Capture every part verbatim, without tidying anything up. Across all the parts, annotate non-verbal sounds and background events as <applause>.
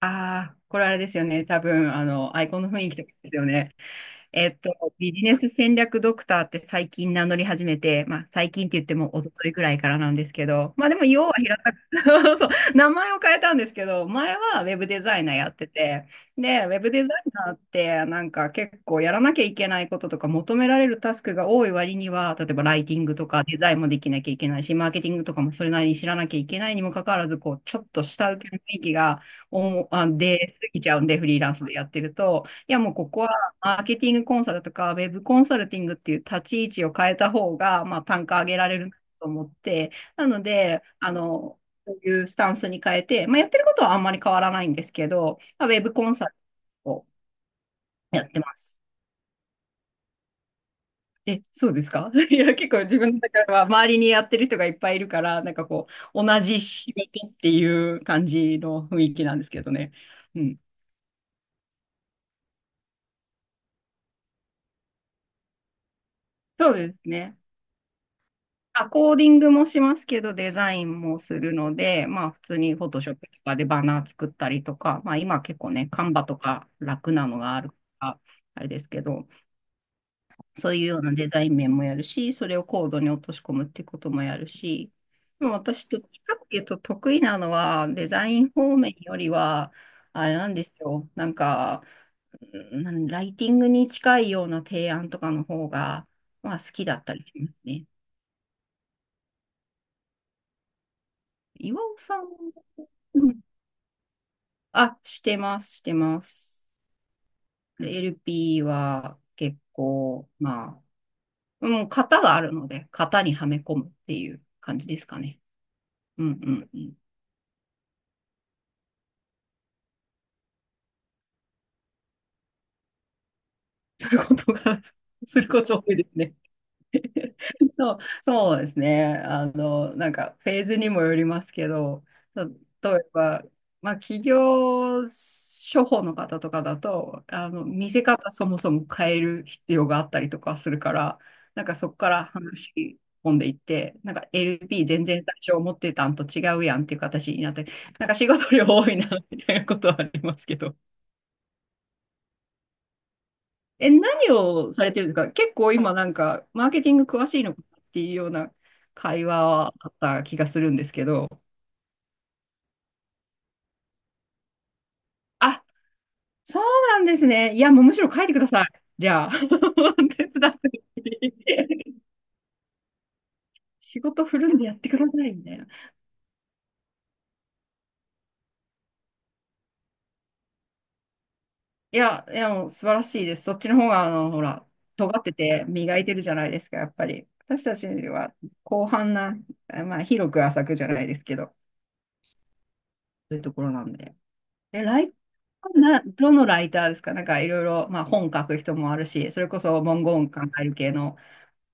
ああ、これあれですよね。多分、あの、アイコンの雰囲気とかですよね。えっと、ビジネス戦略ドクターって最近名乗り始めて、まあ、最近って言っても一昨日ぐらいからなんですけど、まあでも、要は平たく <laughs> そう、名前を変えたんですけど、前はウェブデザイナーやってて、で、ウェブデザイナーってなんか結構やらなきゃいけないこととか求められるタスクが多い割には、例えばライティングとかデザインもできなきゃいけないし、マーケティングとかもそれなりに知らなきゃいけないにもかかわらず、こう、ちょっと下請けの雰囲気がおもあ出過ぎちゃうんで、フリーランスでやってると、いやもうここマーケティングコンサルとか、ウェブコンサルティングっていう立ち位置を変えた方が、まあ、単価上げられると思って、なので、あの、そういうスタンスに変えて、まあ、やってることはあんまり変わらないんですけど、まあウェブコンサルをやってます。え、そうですか？ <laughs> いや、結構自分の中では周りにやってる人がいっぱいいるから、なんかこう、同じ仕事っていう感じの雰囲気なんですけどね。うん。そうですね。あ、コーディングもしますけど、デザインもするので、まあ普通にフォトショップとかでバナー作ったりとか、まあ今結構ね、カンバとか楽なのがあるから、あれですけど、そういうようなデザイン面もやるし、それをコードに落とし込むってこともやるし、でも私どっちかっていうと得意なのはデザイン方面よりは、あれなんですよ、なんか、うんなんライティングに近いような提案とかの方が、まあ好きだったりしますね。岩尾さんは？あ、してます、してます。エルピー は結構、まあ、もう型があるので、型にはめ込むっていう感じですかね。うんうんうん。<laughs> することが、<laughs> すること多いですね。<laughs> そう、そうですね。あの、なんかフェーズにもよりますけど、例えば、まあ、企業処方の方とかだと、あの、見せ方そもそも変える必要があったりとかするから、なんかそこから話し込んでいって、なんか エルピー 全然最初思ってたんと違うやんっていう形になって、なんか仕事量多いなみたいなことはありますけど。え、何をされてるんですか結構今なんか、マーケティング詳しいのかっていうような会話はあった気がするんですけど。あ、そうなんですね。いや、もうむしろ書いてください。じゃあ、<laughs> 手伝って。仕事振るんでやってください、みたいな。いや、いや、もう素晴らしいです。そっちの方が、あの、ほら、尖ってて磨いてるじゃないですか、やっぱり。私たちは広範な、まあ、広く浅くじゃないですけど、そういうところなんで。え、ライターな、どのライターですかなんかいろいろ、まあ本書く人もあるし、それこそ文言考える系の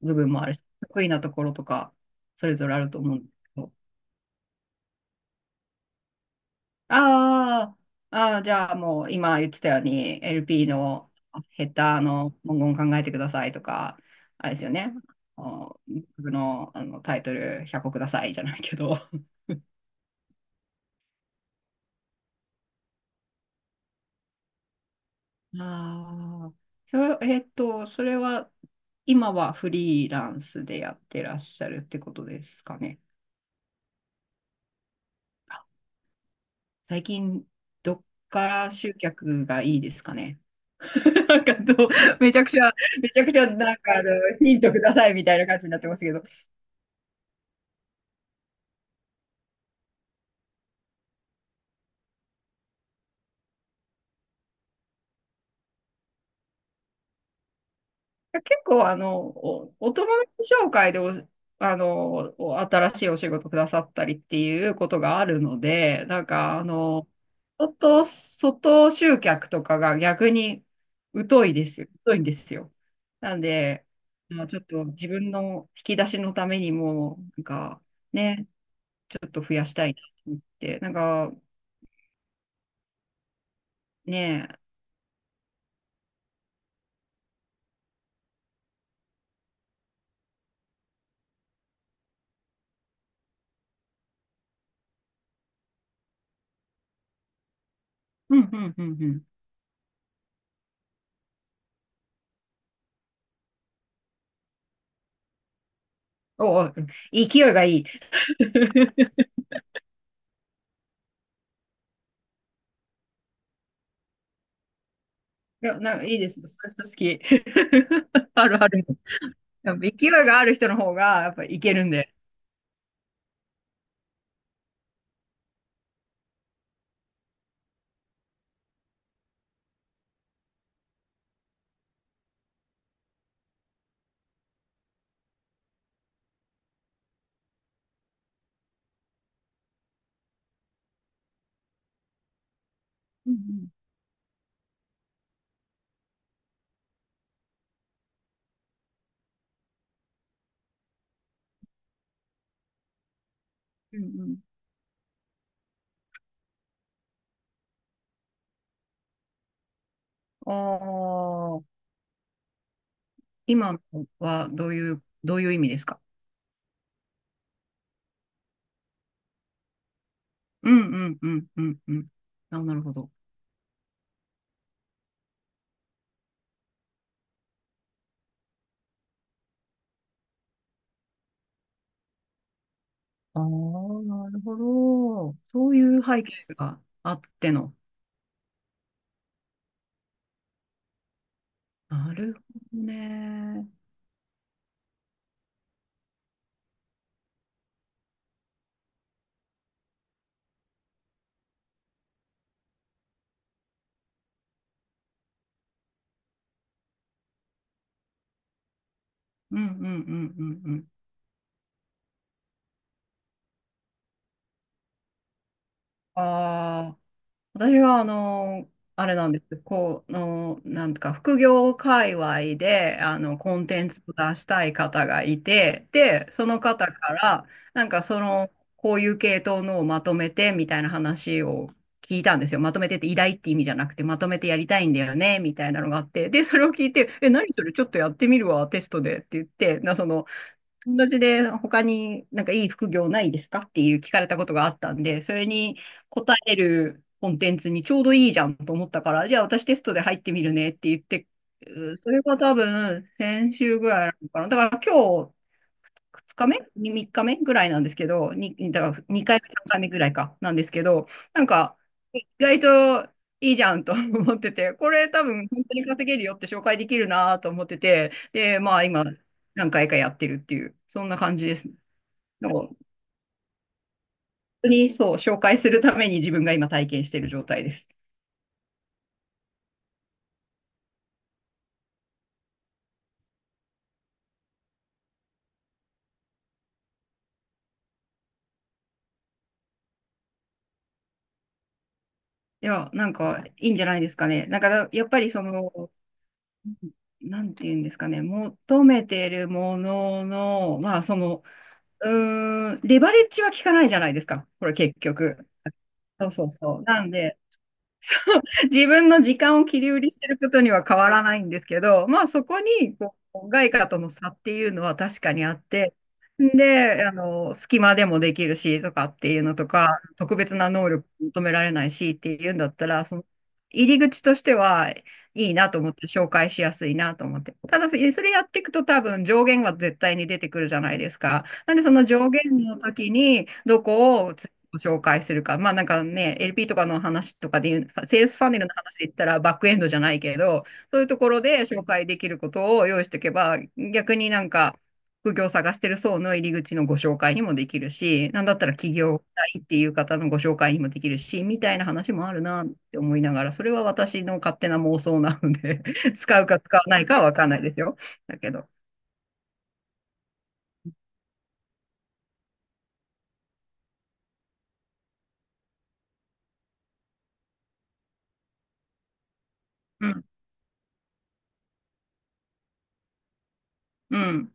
部分もあるし、得意なところとか、それぞれあると思うんですけど。あーあー、じゃあもう今言ってたように、エルピー のヘッダーの文言考えてくださいとか、あれですよね。あの僕の、あのタイトルひゃっこくださいじゃないけど、ああ、それ、えっと、それは今はフリーランスでやってらっしゃるってことですかね。最近、どっから集客がいいですかね？<laughs> なんかどう、めちゃくちゃ、めちゃくちゃ、なんかあの、ヒントくださいみたいな感じになってますけど。結構、あの、お、お友達紹介でお、あの、お新しいお仕事くださったりっていうことがあるので、なんか、あの、外、外集客とかが逆に疎いですよ。疎いんですよ。なんで、まあ、ちょっと自分の引き出しのためにも、なんか、ね、ちょっと増やしたいなと思って、なんか、ね、うん、うん、うん、うん。おお、<laughs> 勢いがいい。<laughs> いや、なんかいいです。そういう人好き。<laughs> あるある。やっぱ勢いがある人の方が、やっぱいけるんで。うんうん。うんうん。ああ、今のはどういう、どういう意味ですか？うんうんうんうんうん。あ、なるほど。ああ、なるほど。そういう背景があっての。なるほどね。うんうんうんうんうん。あ私は、あの、あれなんです。こう、あの、なんか、副業界隈で、あの、コンテンツを出したい方がいて、で、その方から、なんか、その、こういう系統のをまとめて、みたいな話を聞いたんですよ。まとめてって依頼って意味じゃなくて、まとめてやりたいんだよね、みたいなのがあって、で、それを聞いて、え、何それ、ちょっとやってみるわ、テストでって言って、な、その、友達で他になんかいい副業ないですかっていう聞かれたことがあったんで、それに答えるコンテンツにちょうどいいじゃんと思ったから、じゃあ私テストで入ってみるねって言って、うそれが多分先週ぐらいなのかな。だから今日ふつかめ ?みっか 日目ぐらいなんですけど、に、だからにかいめ、さんかいめぐらいか、なんですけど、なんか、意外といいじゃんと <laughs> 思ってて、これ多分本当に稼げるよって紹介できるなと思ってて、で、まあ今、何回かやってるっていう、そんな感じですね。なんか本当にそう、紹介するために自分が今体験してる状態です。いや、なんかいいんじゃないですかね。なんかやっぱりその、なんていうんですかね、求めてるものの、まあその、うーん、レバレッジは効かないじゃないですか。これ結局。そうそうそう。なんで、<laughs> 自分の時間を切り売りしてることには変わらないんですけど、まあそこにこう外貨との差っていうのは確かにあって、で、あの、隙間でもできるしとかっていうのとか、特別な能力求められないしっていうんだったら、その入り口としてはいいなと思って、紹介しやすいなと思って。ただ、えそれやっていくと多分上限は絶対に出てくるじゃないですか。なんでその上限の時にどこをご紹介するか。まあなんかね、エルピー とかの話とかで言う、セールスファネルの話で言ったらバックエンドじゃないけど、そういうところで紹介できることを用意しておけば、逆になんか、副業を探してる層の入り口のご紹介にもできるし、なんだったら起業したいっていう方のご紹介にもできるし、みたいな話もあるなって思いながら、それは私の勝手な妄想なので <laughs> 使うか使わないかはわかんないですよ。だけど。うん。うん。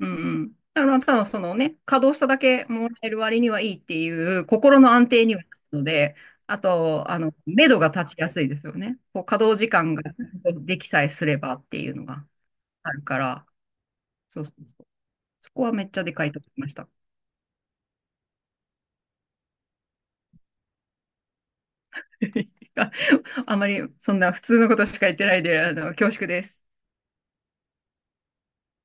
うんうん。だからまあ、ただそのね、稼働しただけもらえる割にはいいっていう心の安定にはなるので、あと、あの、目処が立ちやすいですよね。こう稼働時間ができさえすればっていうのがあるから、そうそうそう。そこはめっちゃでかいと思いました。<laughs> ああまりそんな普通のことしか言ってないで、あの、恐縮です。